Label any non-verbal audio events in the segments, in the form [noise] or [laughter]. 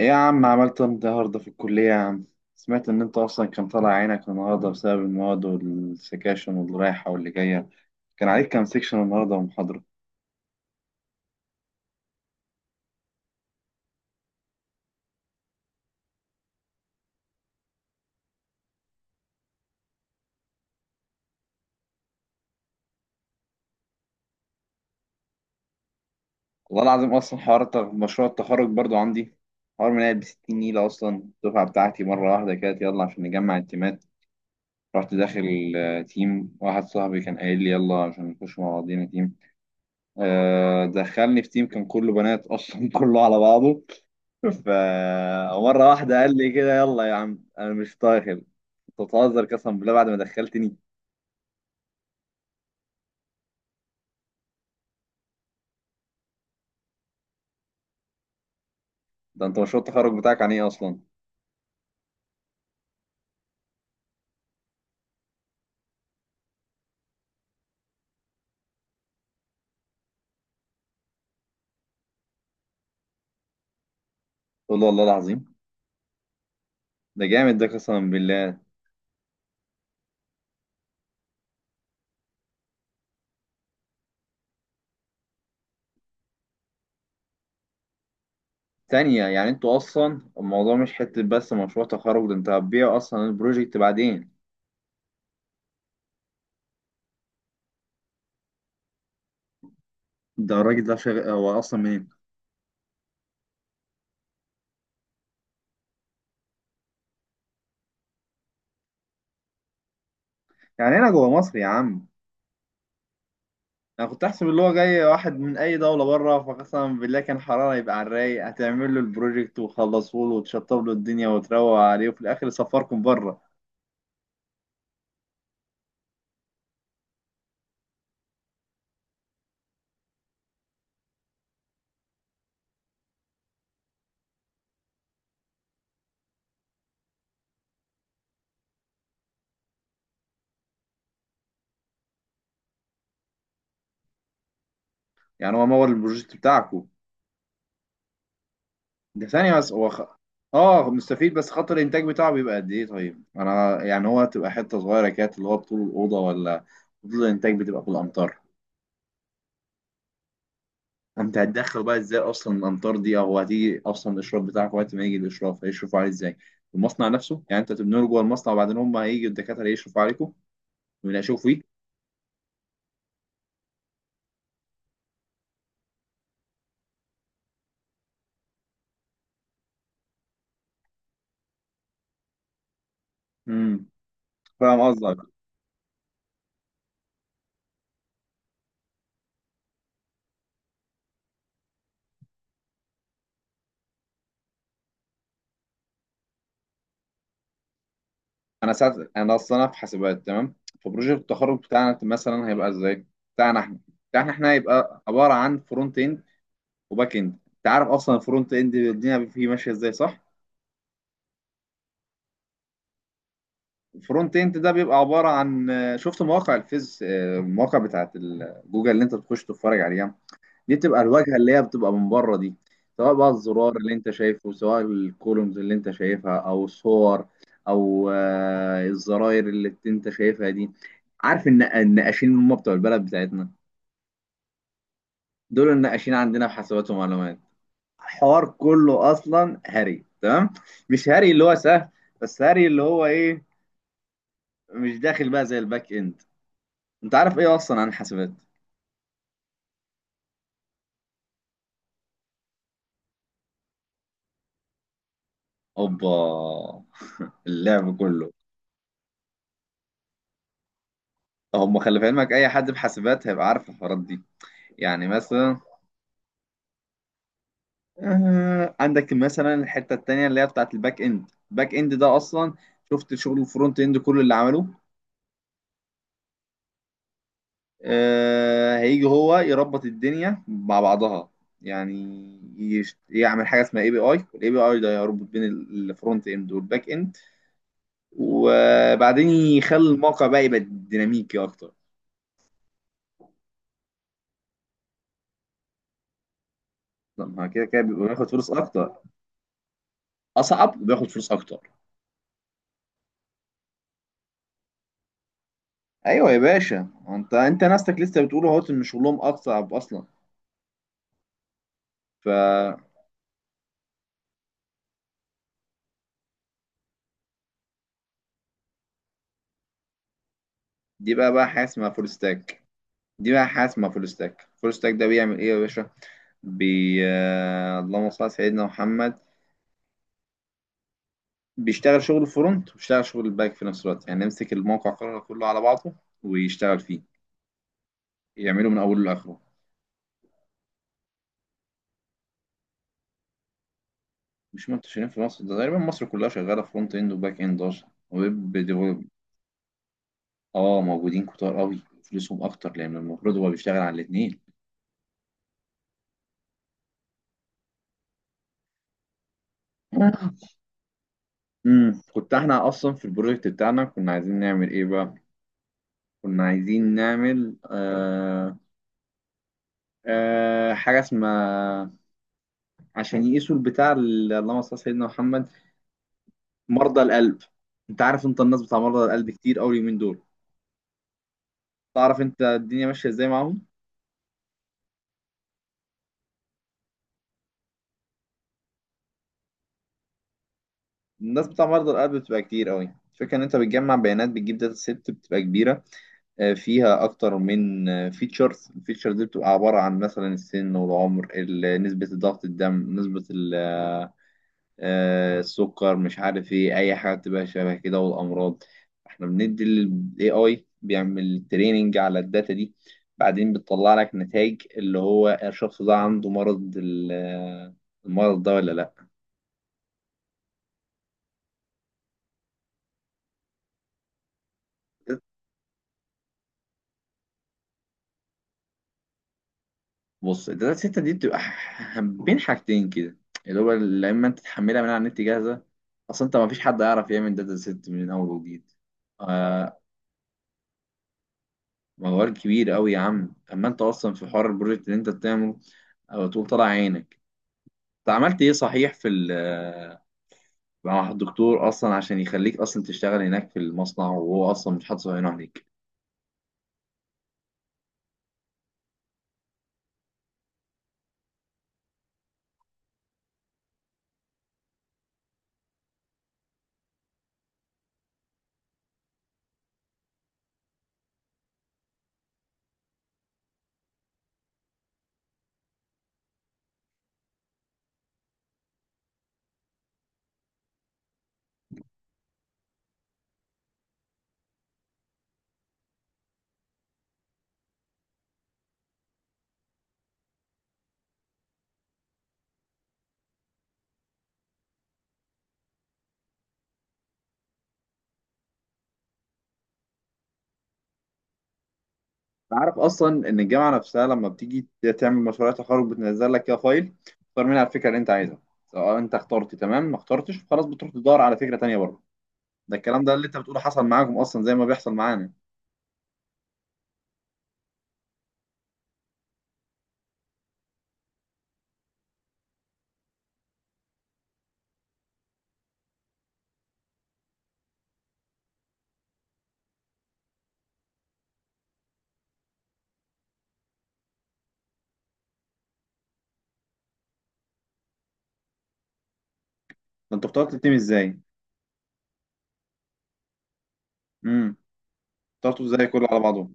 ايه يا عم، عملت إيه النهارده في الكلية يا عم؟ سمعت ان انت اصلا كان طالع عينك النهارده بسبب المواد والسكاشن واللي رايحة واللي جاية. كان عليك كام سكشن النهارده ومحاضرة؟ والله العظيم اصلا حوار مشروع التخرج برضو عندي. حوار من ب 60 نيلة اصلا. الدفعة بتاعتي مرة واحدة كده، يلا عشان نجمع التيمات. رحت داخل، تيم واحد صاحبي كان قايل لي يلا عشان نخش مع بعضينا تيم. دخلني في تيم كان كله بنات اصلا [laughs] كله على بعضه. فمرة واحدة قال لي كده، يلا يا عم أنا مش داخل. أنت بتهزر؟ قسما بالله بعد ما دخلتني. ده أنت مشروع التخرج بتاعك عن إيه أصلا؟ قلت له والله العظيم ده جامد، ده قسما بالله. تانية، يعني أنتوا أصلا الموضوع مش حتة بس مشروع تخرج، ده أنت هتبيع أصلا البروجكت بعدين. ده الراجل ده هو أصلا منين؟ يعني هنا جوه مصر يا عم؟ أنا كنت أحسب اللي هو جاي واحد من أي دولة بره، فقسما بالله كان حرارة، يبقى على الرايق هتعمل له البروجكت وخلصوا له وتشطب له الدنيا وتروق عليه، وفي الآخر يسفركم بره. يعني هو مور البروجكت بتاعكو؟ ده ثانية، بس هو اه مستفيد. بس خط الانتاج بتاعه بيبقى قد ايه؟ طيب انا يعني هو تبقى حتة صغيرة كده اللي هو بطول الأوضة، ولا بطول الانتاج بتبقى في الأمطار؟ انت هتدخل بقى ازاي اصلا الامطار دي؟ او هتيجي اصلا الاشراف بتاعك، وقت ما يجي الاشراف هيشرفوا عليه ازاي؟ المصنع نفسه، يعني انت تبنوا له جوه المصنع، وبعدين هم هيجي الدكاترة يشرفوا عليكم ويناقشوك فيه. امم. فاهم قصدك. انا ساعه انا اصلا أنا في حاسبات، تمام. فبروجكت التخرج بتاعنا مثلا هيبقى ازاي؟ بتاعنا احنا بتاعنا احنا هيبقى عباره عن فرونت اند وباك اند. انت عارف اصلا الفرونت اند الدنيا فيه ماشيه ازاي، صح؟ الفرونت اند ده بيبقى عباره عن، شفت مواقع الفيز، المواقع بتاعت جوجل اللي انت بتخش تتفرج عليها، دي تبقى الواجهه اللي هي بتبقى من بره دي. سواء بقى الزرار اللي انت شايفه، سواء الكولومز اللي انت شايفها، او الصور، او الزراير اللي انت شايفها دي. عارف ان النقاشين اللي هم بتوع البلد بتاعتنا، دول النقاشين عندنا في حاسبات ومعلومات. الحوار كله اصلا هري، تمام، مش هري اللي هو سهل، بس هري اللي هو ايه، مش داخل بقى زي الباك اند. انت عارف ايه اصلا عن حاسبات؟ اوبا [laughs] اللعب كله. خلي في علمك اي حد في حاسبات هيبقى عارف الحوارات دي. يعني مثلا، عندك مثلا الحتة التانية اللي هي بتاعت الباك اند. الباك اند ده اصلا، شفت شغل الفرونت اند كل اللي عمله، هيجي هو يربط الدنيا مع بعضها. يعني يعمل حاجة اسمها اي بي اي. الاي بي اي ده يربط بين الفرونت اند والباك اند، وبعدين يخلي الموقع بقى يبقى ديناميكي اكتر. طب ما كده كده بيبقى بياخد فلوس اكتر. اصعب وبياخد فلوس اكتر. ايوه يا باشا، انت ناستك لسه بتقول اهوت ان شغلهم اصعب اصلا. ف دي بقى حاجه اسمها فول ستاك. دي بقى حاجه اسمها فول ستاك. فول ستاك ده بيعمل ايه يا باشا؟ بي آه، اللهم صل على سيدنا محمد. بيشتغل شغل الفرونت وبيشتغل شغل الباك في نفس الوقت، يعني يمسك الموقع كله كله على بعضه ويشتغل فيه، يعمله من اوله لاخره. مش منتشرين في مصر؟ ده تقريبا مصر كلها شغاله فرونت اند وباك اند اصلا، ويب ديفلوب. اه، موجودين كتار قوي. فلوسهم اكتر لان المفروض هو بيشتغل على الاثنين. كنت احنا اصلا في البروجكت بتاعنا كنا عايزين نعمل ايه بقى. كنا عايزين نعمل، حاجة اسمها، عشان يقيسوا البتاع، اللهم صل على سيدنا محمد، مرضى القلب. انت عارف الناس بتاع مرضى القلب كتير قوي اليومين دول. تعرف انت الدنيا ماشية ازاي معاهم. الناس بتاع مرضى القلب بتبقى كتير قوي. الفكرة ان انت بتجمع بيانات، بتجيب داتا سيت بتبقى كبيرة، فيها اكتر من فيتشرز. الفيتشر دي بتبقى عبارة عن مثلا السن والعمر نسبة ضغط الدم، نسبة السكر، مش عارف ايه، اي حاجه تبقى شبه كده، والامراض. احنا بندي الاي اي بيعمل تريننج على الداتا دي، بعدين بتطلع لك نتائج اللي هو الشخص ده عنده المرض ده ولا لا. بص، الداتا سيت دي بتبقى بين حاجتين كده، اللي هو يا اما انت تحملها من على النت جاهزه، اصلا انت ما فيش حد يعرف يعمل داتا سيت من اول وجديد. آه موال كبير قوي يا عم، اما انت اصلا في حوار البروجكت اللي انت بتعمله. او تقول طلع عينك. انت عملت ايه صحيح في مع الدكتور اصلا عشان يخليك اصلا تشتغل هناك في المصنع وهو اصلا مش حاطط عينه عليك؟ انت عارف اصلا ان الجامعه نفسها لما بتيجي تعمل مشروع تخرج بتنزل لك كده فايل، تختار منها الفكره اللي انت عايزها. سواء انت اخترت تمام، ما اخترتش خلاص بتروح تدور على فكره تانيه بره. ده الكلام ده اللي انت بتقوله حصل معاكم اصلا زي ما بيحصل معانا. ده انتوا اخترتوا التيم ازاي؟ امم اخترتوا ازاي كله على بعضه؟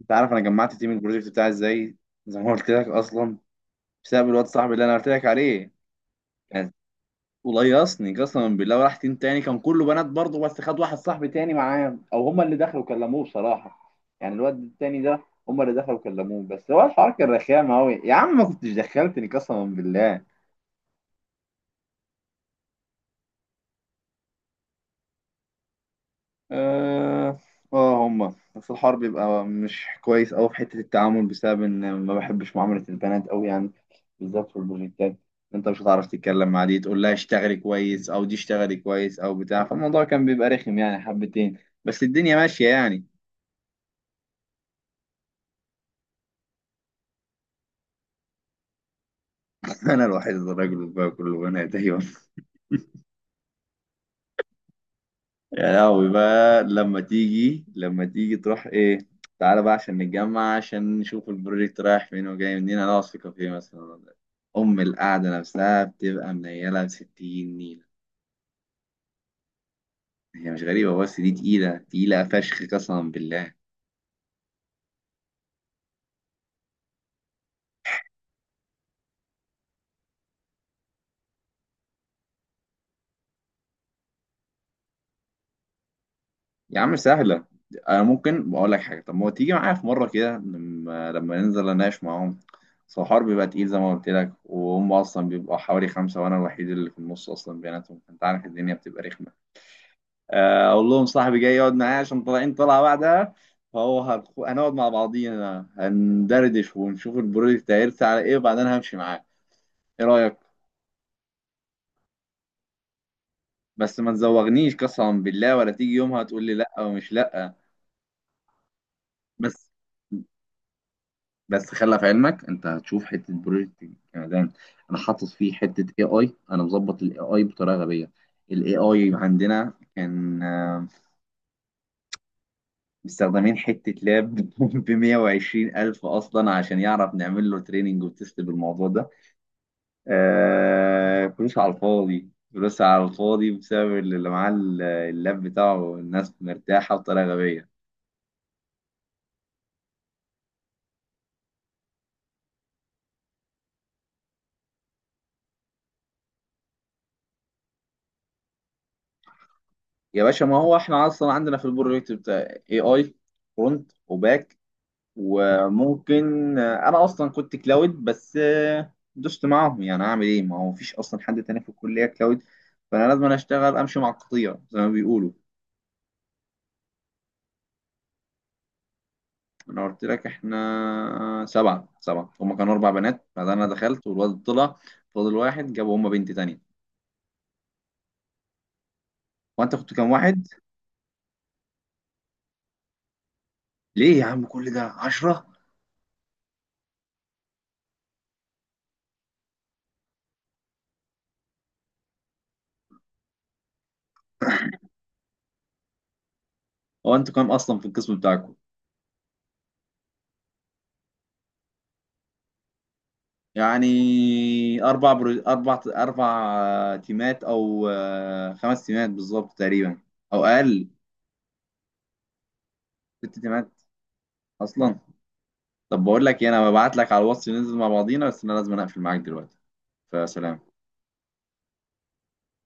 انت عارف انا جمعت تيم البروجكت بتاعي ازاي؟ زي ما قلت لك اصلا، بسبب الواد صاحبي اللي انا قلت لك عليه. كان وليصني قسما بالله وراح تيم تاني كان كله بنات برضه، بس خد واحد صاحبي تاني معاه، او هما اللي دخلوا كلموه بصراحه يعني الواد التاني ده. هما اللي دخلوا كلموه، بس هو الحوار كان رخام قوي يا عم، ما كنتش دخلتني قسما بالله. اه، اه، هما بس الحوار بيبقى مش كويس قوي في حته التعامل، بسبب ان ما بحبش معامله البنات قوي يعني، بالذات في البروجكتات. انت مش هتعرف تتكلم مع دي تقول لها اشتغلي كويس، او دي اشتغلي كويس او بتاع، فالموضوع كان بيبقى رخم يعني حبتين. بس الدنيا ماشيه يعني. انا الوحيد الراجل بقى كله، وانا دايما. يا لهوي بقى، لما تيجي تروح ايه. تعالى بقى عشان نتجمع عشان نشوف البروجكت رايح فين وجاي منين، هنقعد في كافيه مثلا إيه. ام القعده نفسها بتبقى منيله ب 60 نيله. هي مش غريبه، بس دي تقيله، تقيله فشخ قسما بالله. يا عم سهلة. أنا ممكن بقول لك حاجة، طب ما هو تيجي معايا في مرة كده لما ننزل أناقش معاهم. أصل الحوار بيبقى تقيل زي ما قلت لك، وهم أصلا بيبقوا حوالي خمسة وأنا الوحيد اللي في النص أصلا بيناتهم، فأنت عارف الدنيا بتبقى رخمة. أقول لهم صاحبي جاي يقعد معايا عشان طالعين طلعة بعدها. فهو هنقعد مع بعضينا هندردش ونشوف البروجكت هيرسى على إيه، وبعدين همشي معاه. إيه رأيك؟ بس ما تزوغنيش قسما بالله، ولا تيجي يومها تقول لي لأ ومش لأ. بس بس خلي في علمك انت هتشوف حته بروجكت كمان. انا حاطط فيه حته اي اي، انا مظبط الاي اي بطريقه غبيه. الاي اي عندنا كان، مستخدمين حته لاب [laughs] ب 120 الف اصلا عشان يعرف نعمل له تريننج وتست بالموضوع ده. فلوس على الفاضي، فلوس على الفاضي بسبب اللي معاه. اللاب بتاعه الناس مرتاحه بطريقه غبيه. يا باشا ما هو احنا اصلا عندنا في البروجكت بتاع اي اي، فرونت، وباك، وممكن انا اصلا كنت كلاود بس دوست معاهم، يعني اعمل ايه ما هو مفيش اصلا حد تاني في الكليه كلاود، فانا لازم أنا اشتغل امشي مع القطيع زي ما بيقولوا. انا قلت لك احنا سبعه، سبعه هما كانوا اربع بنات، بعدين انا دخلت والواد طلع، فاضل واحد جابوا هما بنت تانية. هو انت كنت كام واحد؟ ليه يا عم، كل ده 10؟ هو انتوا كام اصلا في القسم بتاعكم؟ يعني اربع برو... اربع اربع تيمات، او خمس تيمات بالظبط تقريبا، او اقل. الست دي ماتت اصلا. طب بقول لك ايه، انا ببعت لك على الواتس ننزل مع بعضينا، بس انا لازم اقفل معاك دلوقتي. فسلام.